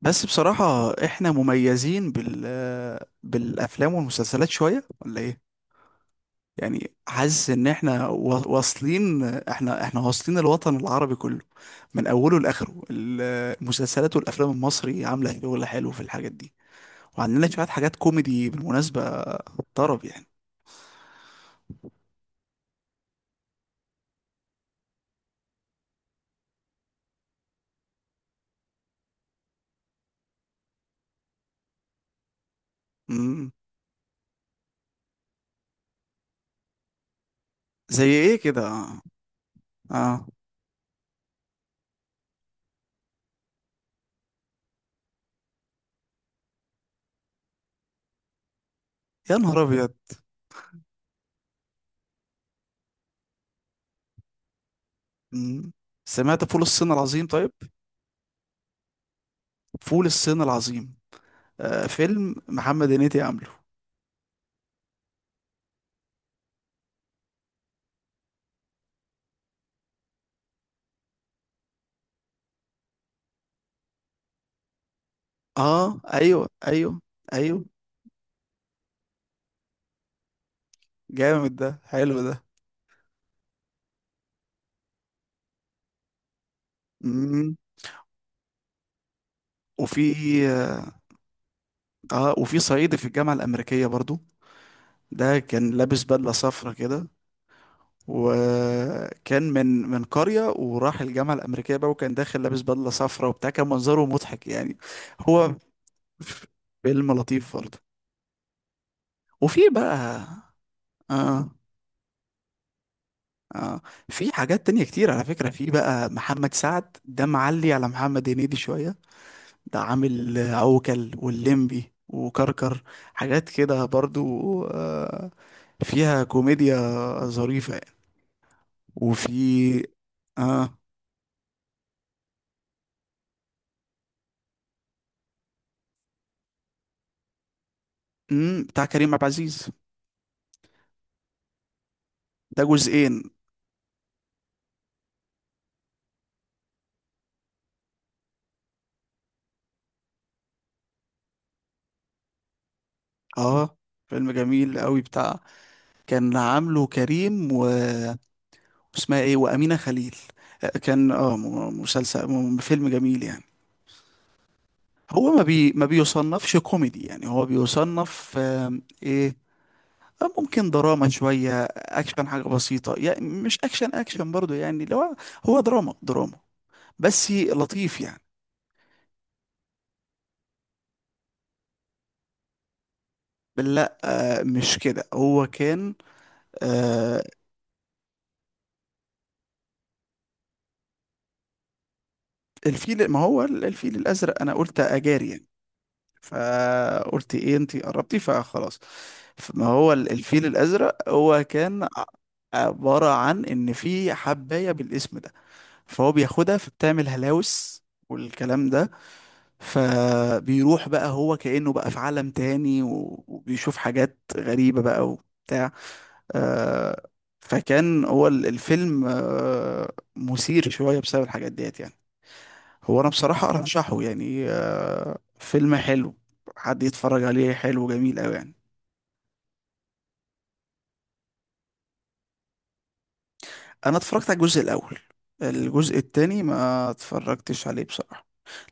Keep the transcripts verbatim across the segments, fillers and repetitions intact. بس بصراحة احنا مميزين بال بالافلام والمسلسلات شوية ولا ايه؟ يعني حاسس ان احنا وا- واصلين احنا احنا واصلين الوطن العربي كله من اوله لاخره ال- المسلسلات والافلام المصري عاملة شغل حلو في الحاجات دي، وعندنا شوية حاجات كوميدي بالمناسبة، طرب يعني. امم زي ايه كده؟ اه، آه. يا نهار ابيض. مم. سمعت فول الصين العظيم؟ طيب، فول الصين العظيم، آه فيلم محمد هنيدي عامله. اه ايوه ايوه. ايوه جامد، ده حلو ده. امم وفي، اه وفي صعيدي في الجامعه الامريكيه برضو. ده كان لابس بدله صفرا كده، وكان من من قريه وراح الجامعه الامريكيه بقى، وكان داخل لابس بدله صفرا وبتاع، كان منظره مضحك يعني. هو فيلم لطيف برضه. وفي بقى، اه اه، في حاجات تانية كتير على فكره. في بقى محمد سعد، ده معلي على محمد هنيدي شويه. ده عامل عوكل واللمبي وكركر، حاجات كده برضو، آه، فيها كوميديا ظريفة يعني. وفي، اه، امم بتاع كريم عبد العزيز، ده جزئين. اه فيلم جميل قوي بتاع، كان عامله كريم و، اسمها ايه، وأمينة خليل. آه، كان اه م- مسلسل م- فيلم جميل يعني. هو ما بي ما بيصنفش كوميدي يعني، هو بيصنف آم، ايه، ممكن دراما شوية، أكشن حاجة بسيطة يعني، مش أكشن أكشن برضو يعني، لو هو دراما دراما. بس لطيف يعني. لا آه، مش كده، هو كان، آه الفيل. ما هو الفيل الأزرق، أنا قلت أجاري يعني. فقلت إيه، أنت قربتي فخلاص. ما هو الفيل الأزرق، هو كان عبارة عن إن في حباية بالاسم ده، فهو بياخدها فبتعمل هلاوس والكلام ده. فبيروح بقى، هو كأنه بقى في عالم تاني و- وبيشوف حاجات غريبة بقى وبتاع، آه، فكان هو ال- الفيلم آه، مثير شوية بسبب الحاجات ديت يعني. هو أنا بصراحة أرشحه يعني، آه، فيلم حلو، حد يتفرج عليه، حلو جميل أوي يعني. أنا اتفرجت على الجزء الأول، الجزء التاني ما اتفرجتش عليه بصراحة.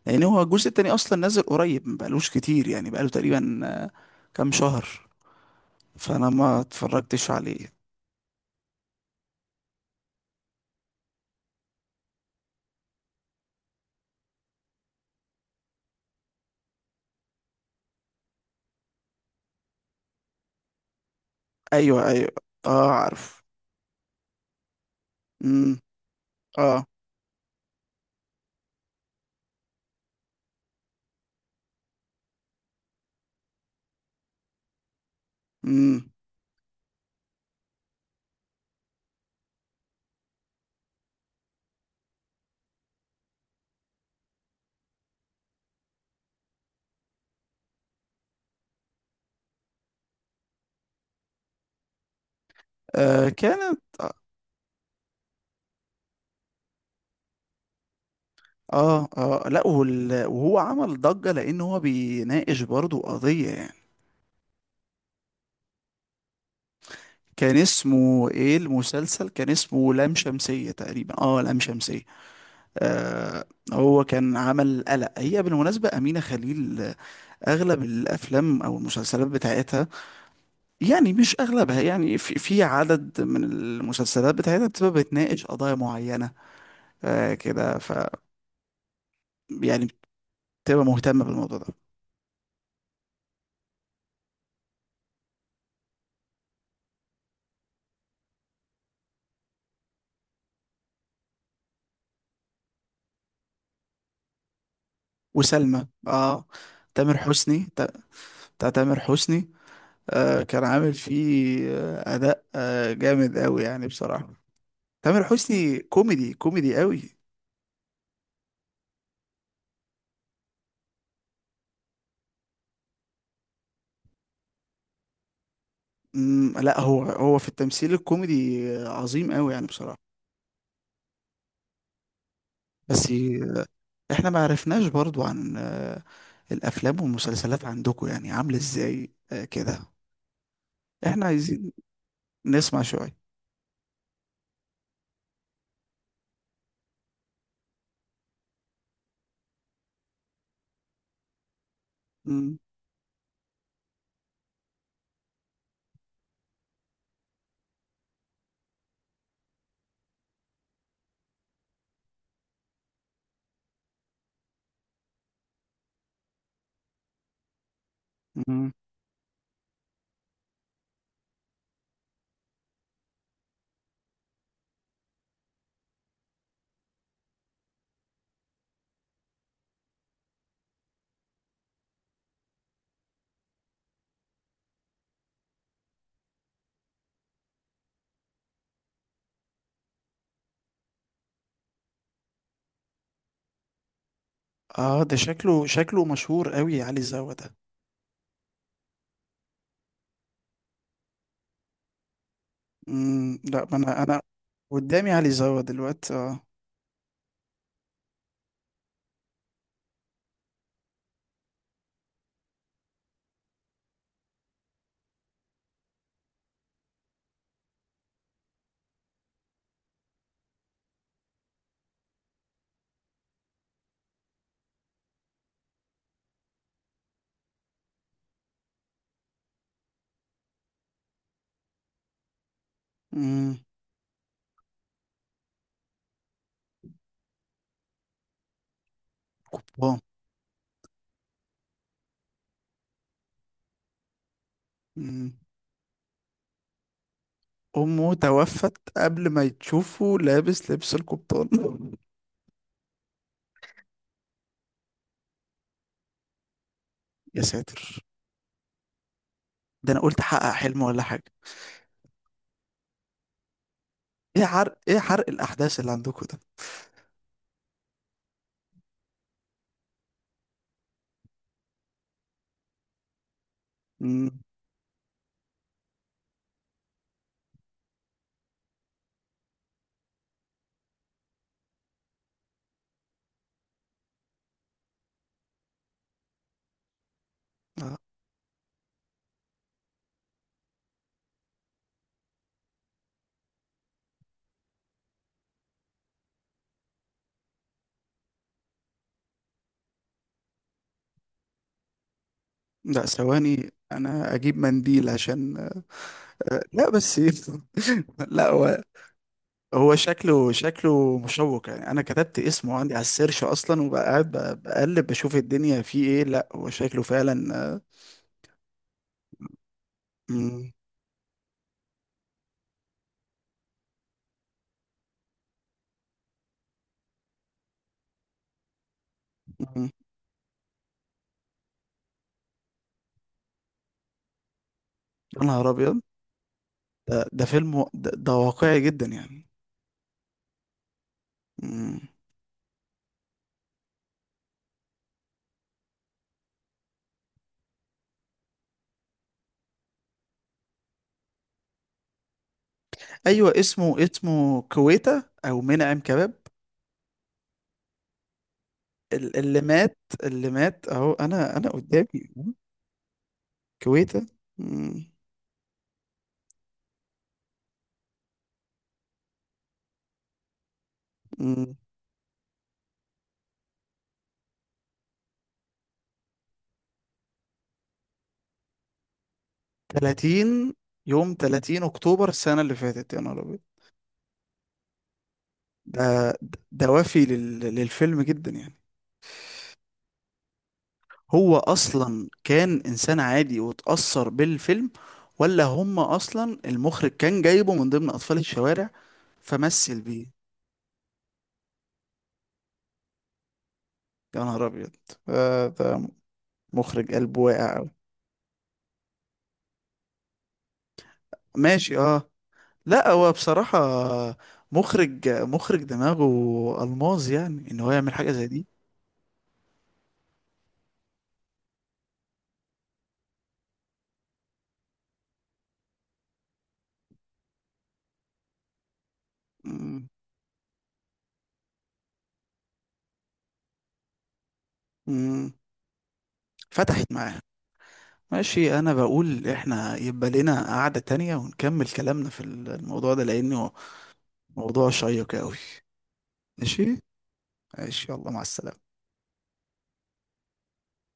يعني هو الجزء التاني اصلا نازل قريب، ما بقالوش كتير يعني، بقاله تقريبا آه، كام شهر، فانا ما اتفرجتش عليه. ايوه ايوه. اه عارف. امم اه. امم آه كانت، اه اه، لا وال، وهو عمل ضجة لان هو بيناقش برضو قضية يعني. كان اسمه ايه المسلسل؟ كان اسمه لام شمسية تقريبا، اه لام شمسية. آه، هو كان عمل قلق. هي بالمناسبة أمينة خليل آه، أغلب الأفلام أو المسلسلات بتاعتها، يعني مش اغلبها يعني، في في عدد من المسلسلات بتاعتها بتبقى بتناقش قضايا معينه آه كده، ف يعني بتبقى مهتمه بالموضوع ده. وسلمى، اه، تامر حسني تا- بتاع تامر حسني. آه كان عامل فيه آه اداء آه جامد قوي يعني بصراحه. تامر حسني كوميدي، كوميدي قوي. مم لا، هو هو في التمثيل الكوميدي آه، عظيم قوي يعني بصراحه. بس آه، احنا ما عرفناش برضو عن آه، الافلام والمسلسلات عندكم يعني عامله ازاي آه كده، احنا عايزين نسمع شويه. مم. مم. اه ده شكله شكله مشهور قوي علي زوا ده. مم. لا، ما انا انا قدامي علي زوا دلوقتي اه. مم. قبطان. مم. امه توفت قبل ما يتشوفه لابس لبس القبطان. يا ساتر. ده انا قلت احقق حلم ولا حاجه. ايه حرق، ايه حرق الاحداث اللي عندكم ده؟ مم. آه. لا ثواني انا اجيب منديل عشان. لا بس لا هو، هو شكله شكله مشوق يعني، انا كتبت اسمه عندي على السيرش اصلا، وبقى قاعد ب- بقلب بشوف الدنيا فيه ايه، لا هو شكله فعلا آه،. مم، مم. يا نهار ابيض. ده, ده فيلم و- ده, ده واقعي جدا يعني. مم. ايوه اسمه، اسمه كويتا او منعم كباب. ال- اللي مات، اللي مات اهو، انا انا قدامي كويتا. مم، مم. ثلاثين يوم ثلاثين اكتوبر السنه اللي فاتت، يا نهار ابيض. ده ده وافي لل- للفيلم جدا يعني. هو اصلا كان انسان عادي واتأثر بالفيلم، ولا هم اصلا المخرج كان جايبه من ضمن اطفال الشوارع فمثل بيه؟ يا نهار ابيض. آه، ده مخرج قلبه واقع أوي. ماشي اه. لا هو بصراحة مخرج، مخرج دماغه ألماظ يعني ان هو يعمل حاجة زي دي. مم. مم. فتحت معاه. ماشي، انا بقول احنا يبقى لنا قعدة تانية ونكمل كلامنا في الموضوع ده لانه موضوع شيق قوي. ماشي، ماشي يلا مع السلامة.